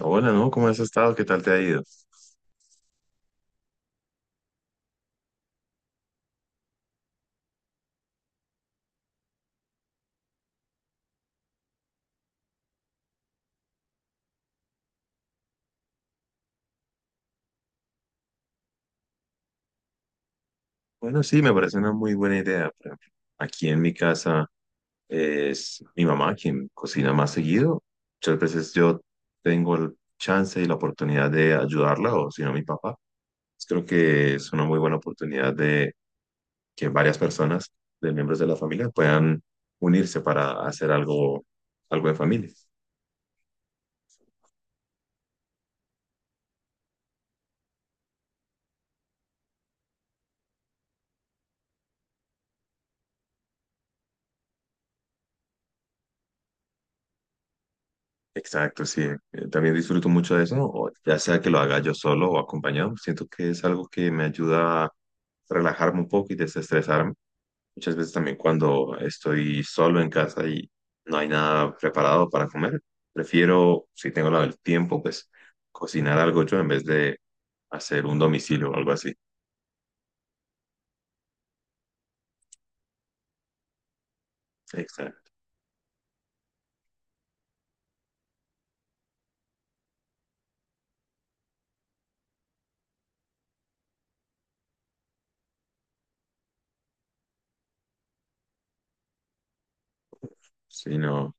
Hola, ¿no? ¿Cómo has estado? ¿Qué tal te ha ido? Bueno, sí, me parece una muy buena idea. Por ejemplo, aquí en mi casa es mi mamá quien cocina más seguido. Muchas veces yo tengo el chance y la oportunidad de ayudarla, o si no, mi papá. Pues creo que es una muy buena oportunidad de que varias personas, de miembros de la familia, puedan unirse para hacer algo, algo en familia. Exacto, sí. También disfruto mucho de eso, o ya sea que lo haga yo solo o acompañado. Siento que es algo que me ayuda a relajarme un poco y desestresarme. Muchas veces también cuando estoy solo en casa y no hay nada preparado para comer, prefiero, si tengo el tiempo, pues cocinar algo yo en vez de hacer un domicilio o algo así. Exacto. Sí, no.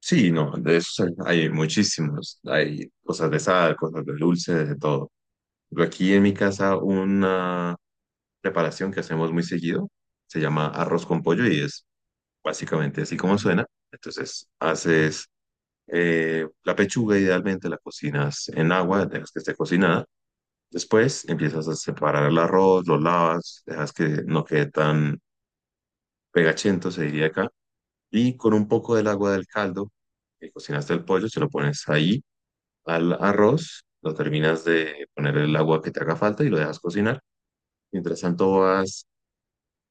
Sí, no, de eso hay muchísimos. Hay cosas de sal, cosas de dulce, de todo. Pero aquí en mi casa una preparación que hacemos muy seguido se llama arroz con pollo y es básicamente así como suena. Entonces haces la pechuga idealmente, la cocinas en agua, dejas que esté cocinada. Después empiezas a separar el arroz, lo lavas, dejas que no quede tan pegachento, se diría acá. Y con un poco del agua del caldo que cocinaste el pollo, se lo pones ahí al arroz, lo terminas de poner el agua que te haga falta y lo dejas cocinar. Mientras tanto vas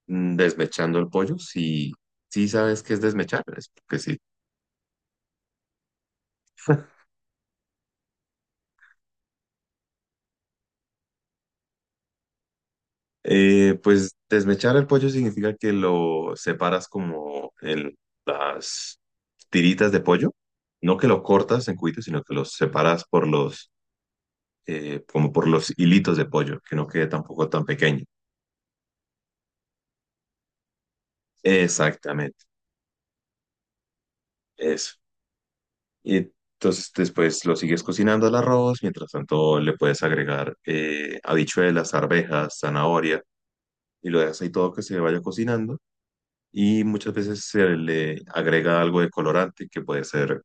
desmechando el pollo. Si, si sabes qué es desmechar, es porque sí. Pues desmechar el pollo significa que lo separas como en las tiritas de pollo. No que lo cortas en cubitos, sino que los separas por los, como por los hilitos de pollo, que no quede tampoco tan pequeño. Exactamente, eso. Y entonces después lo sigues cocinando el arroz, mientras tanto le puedes agregar habichuelas, arvejas, zanahoria y lo dejas ahí todo que se vaya cocinando. Y muchas veces se le agrega algo de colorante que puede ser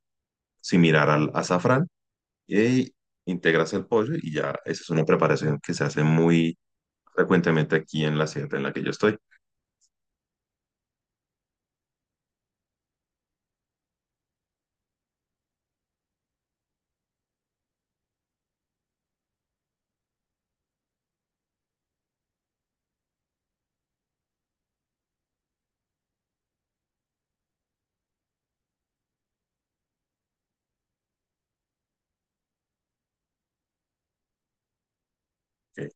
similar al azafrán y integras el pollo y ya esa es una preparación que se hace muy frecuentemente aquí en la sierra en la que yo estoy. Ok.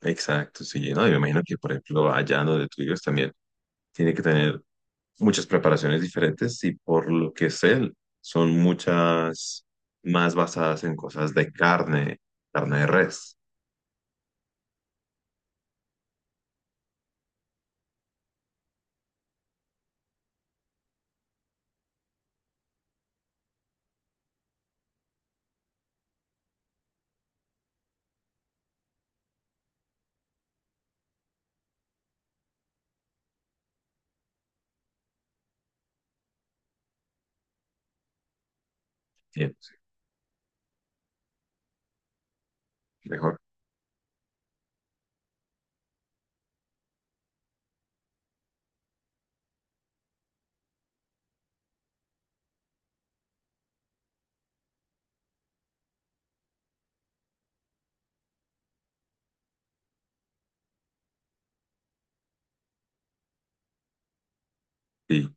Exacto, sí, no, yo me imagino que por ejemplo allá donde tú vives también tiene que tener muchas preparaciones diferentes y por lo que sé, son muchas más basadas en cosas de carne, carne de res, bien, mejor. Sí,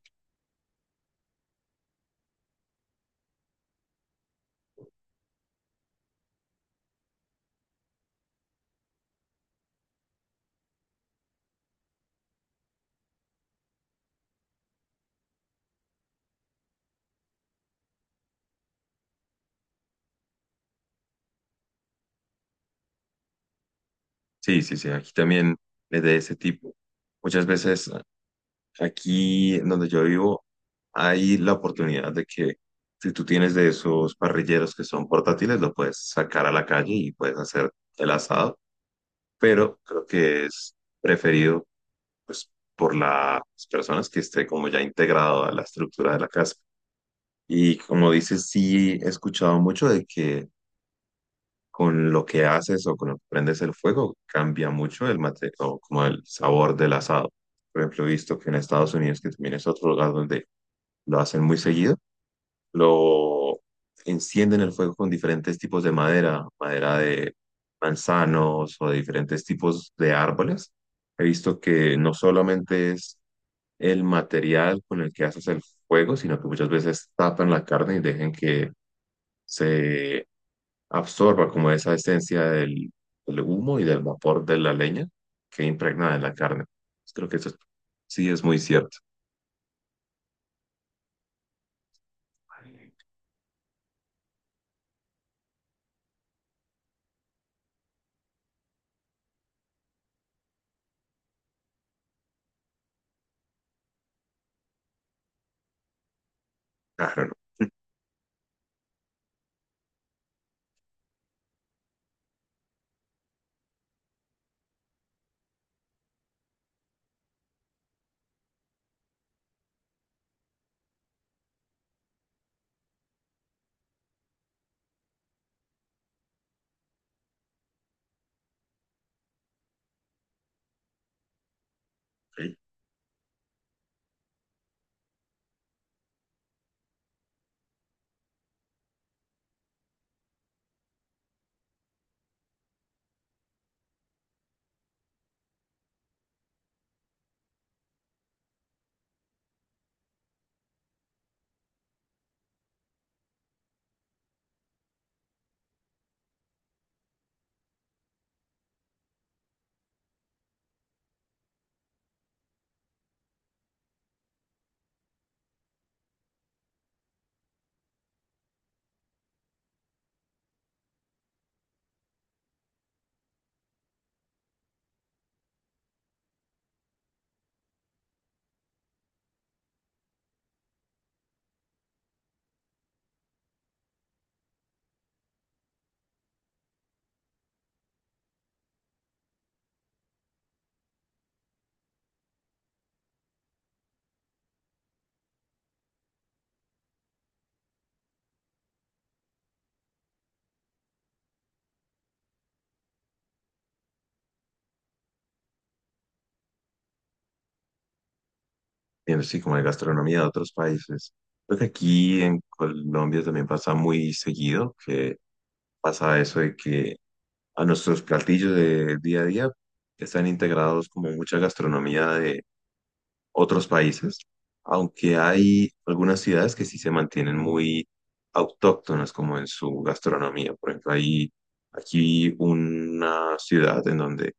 sí, sí, sí, aquí también es de ese tipo. Muchas veces aquí en donde yo vivo hay la oportunidad de que si tú tienes de esos parrilleros que son portátiles, lo puedes sacar a la calle y puedes hacer el asado, pero creo que es preferido pues por las personas que esté como ya integrado a la estructura de la casa. Y como dices, sí he escuchado mucho de que con lo que haces o con lo que prendes el fuego cambia mucho el mate o como el sabor del asado. Por ejemplo, he visto que en Estados Unidos, que también es otro lugar donde lo hacen muy seguido, lo encienden el fuego con diferentes tipos de madera, madera de manzanos o de diferentes tipos de árboles. He visto que no solamente es el material con el que haces el fuego, sino que muchas veces tapan la carne y dejen que se absorba como esa esencia del humo y del vapor de la leña que impregna en la carne. Pues creo que eso es- sí es muy cierto. Claro, ¿no? Ok. Viendo así como la gastronomía de otros países. Creo que aquí en Colombia también pasa muy seguido que pasa eso de que a nuestros platillos de día a día que están integrados como mucha gastronomía de otros países, aunque hay algunas ciudades que sí se mantienen muy autóctonas como en su gastronomía. Por ejemplo, hay aquí una ciudad en donde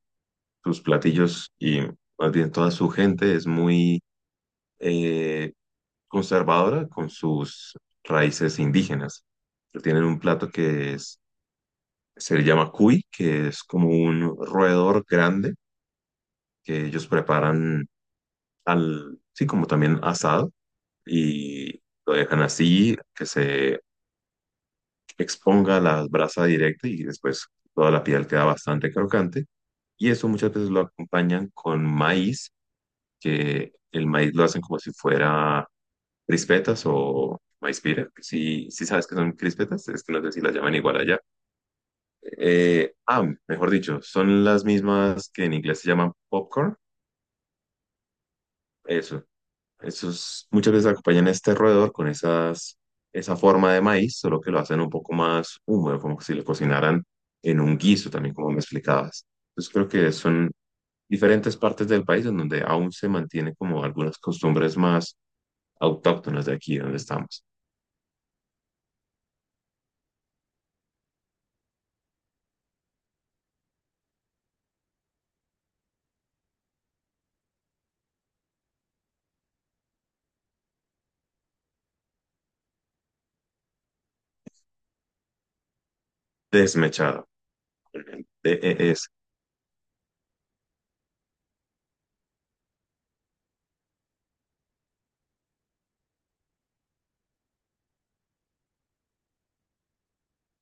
sus platillos y más bien toda su gente es muy eh, conservadora con sus raíces indígenas. Tienen un plato que es, se le llama cuy, que es como un roedor grande que ellos preparan al, sí, como también asado y lo dejan así, que se exponga la brasa directa y después toda la piel queda bastante crocante. Y eso muchas veces lo acompañan con maíz, que el maíz lo hacen como si fuera crispetas o maíz pira. Si, si sabes que son crispetas, es que no sé si las llaman igual allá. Ah, mejor dicho, son las mismas que en inglés se llaman popcorn. Eso. Esos muchas veces acompañan este roedor con esas, esa forma de maíz, solo que lo hacen un poco más húmedo, como si lo cocinaran en un guiso también, como me explicabas. Entonces creo que son diferentes partes del país en donde aún se mantiene como algunas costumbres más autóctonas de aquí donde estamos. Desmechado. De- e- Es,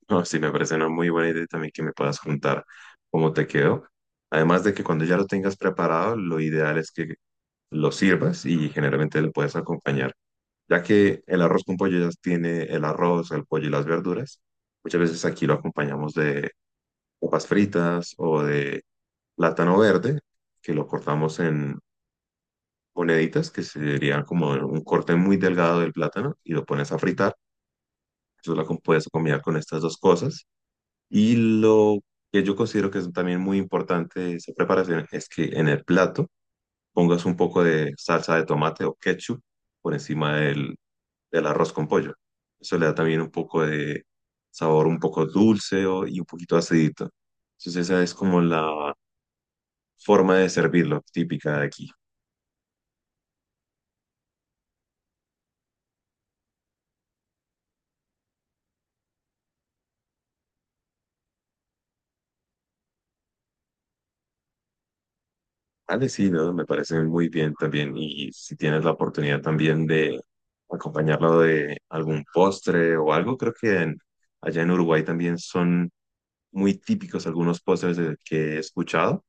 no, sí, me parece una muy buena idea también que me puedas contar cómo te quedó. Además de que cuando ya lo tengas preparado, lo ideal es que lo sirvas y generalmente lo puedes acompañar ya que el arroz con pollo ya tiene el arroz, el pollo y las verduras. Muchas veces aquí lo acompañamos de papas fritas o de plátano verde, que lo cortamos en moneditas, que serían como un corte muy delgado del plátano, y lo pones a fritar. Puedes combinar con estas dos cosas. Y lo que yo considero que es también muy importante de esa preparación es que en el plato pongas un poco de salsa de tomate o ketchup por encima del arroz con pollo. Eso le da también un poco de sabor un poco dulce y un poquito acidito. Entonces esa es como la forma de servirlo típica de aquí. Vale, sí, ¿no? Me parece muy bien también. Y si tienes la oportunidad también de acompañarlo de algún postre o algo, creo que allá en Uruguay también son muy típicos algunos postres que he escuchado.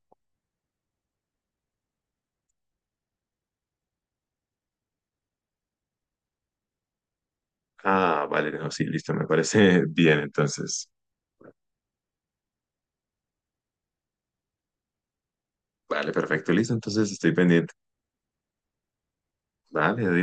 Ah, vale, no, sí, listo, me parece bien. Entonces, vale, perfecto, listo. Entonces estoy pendiente. Vale, adiós.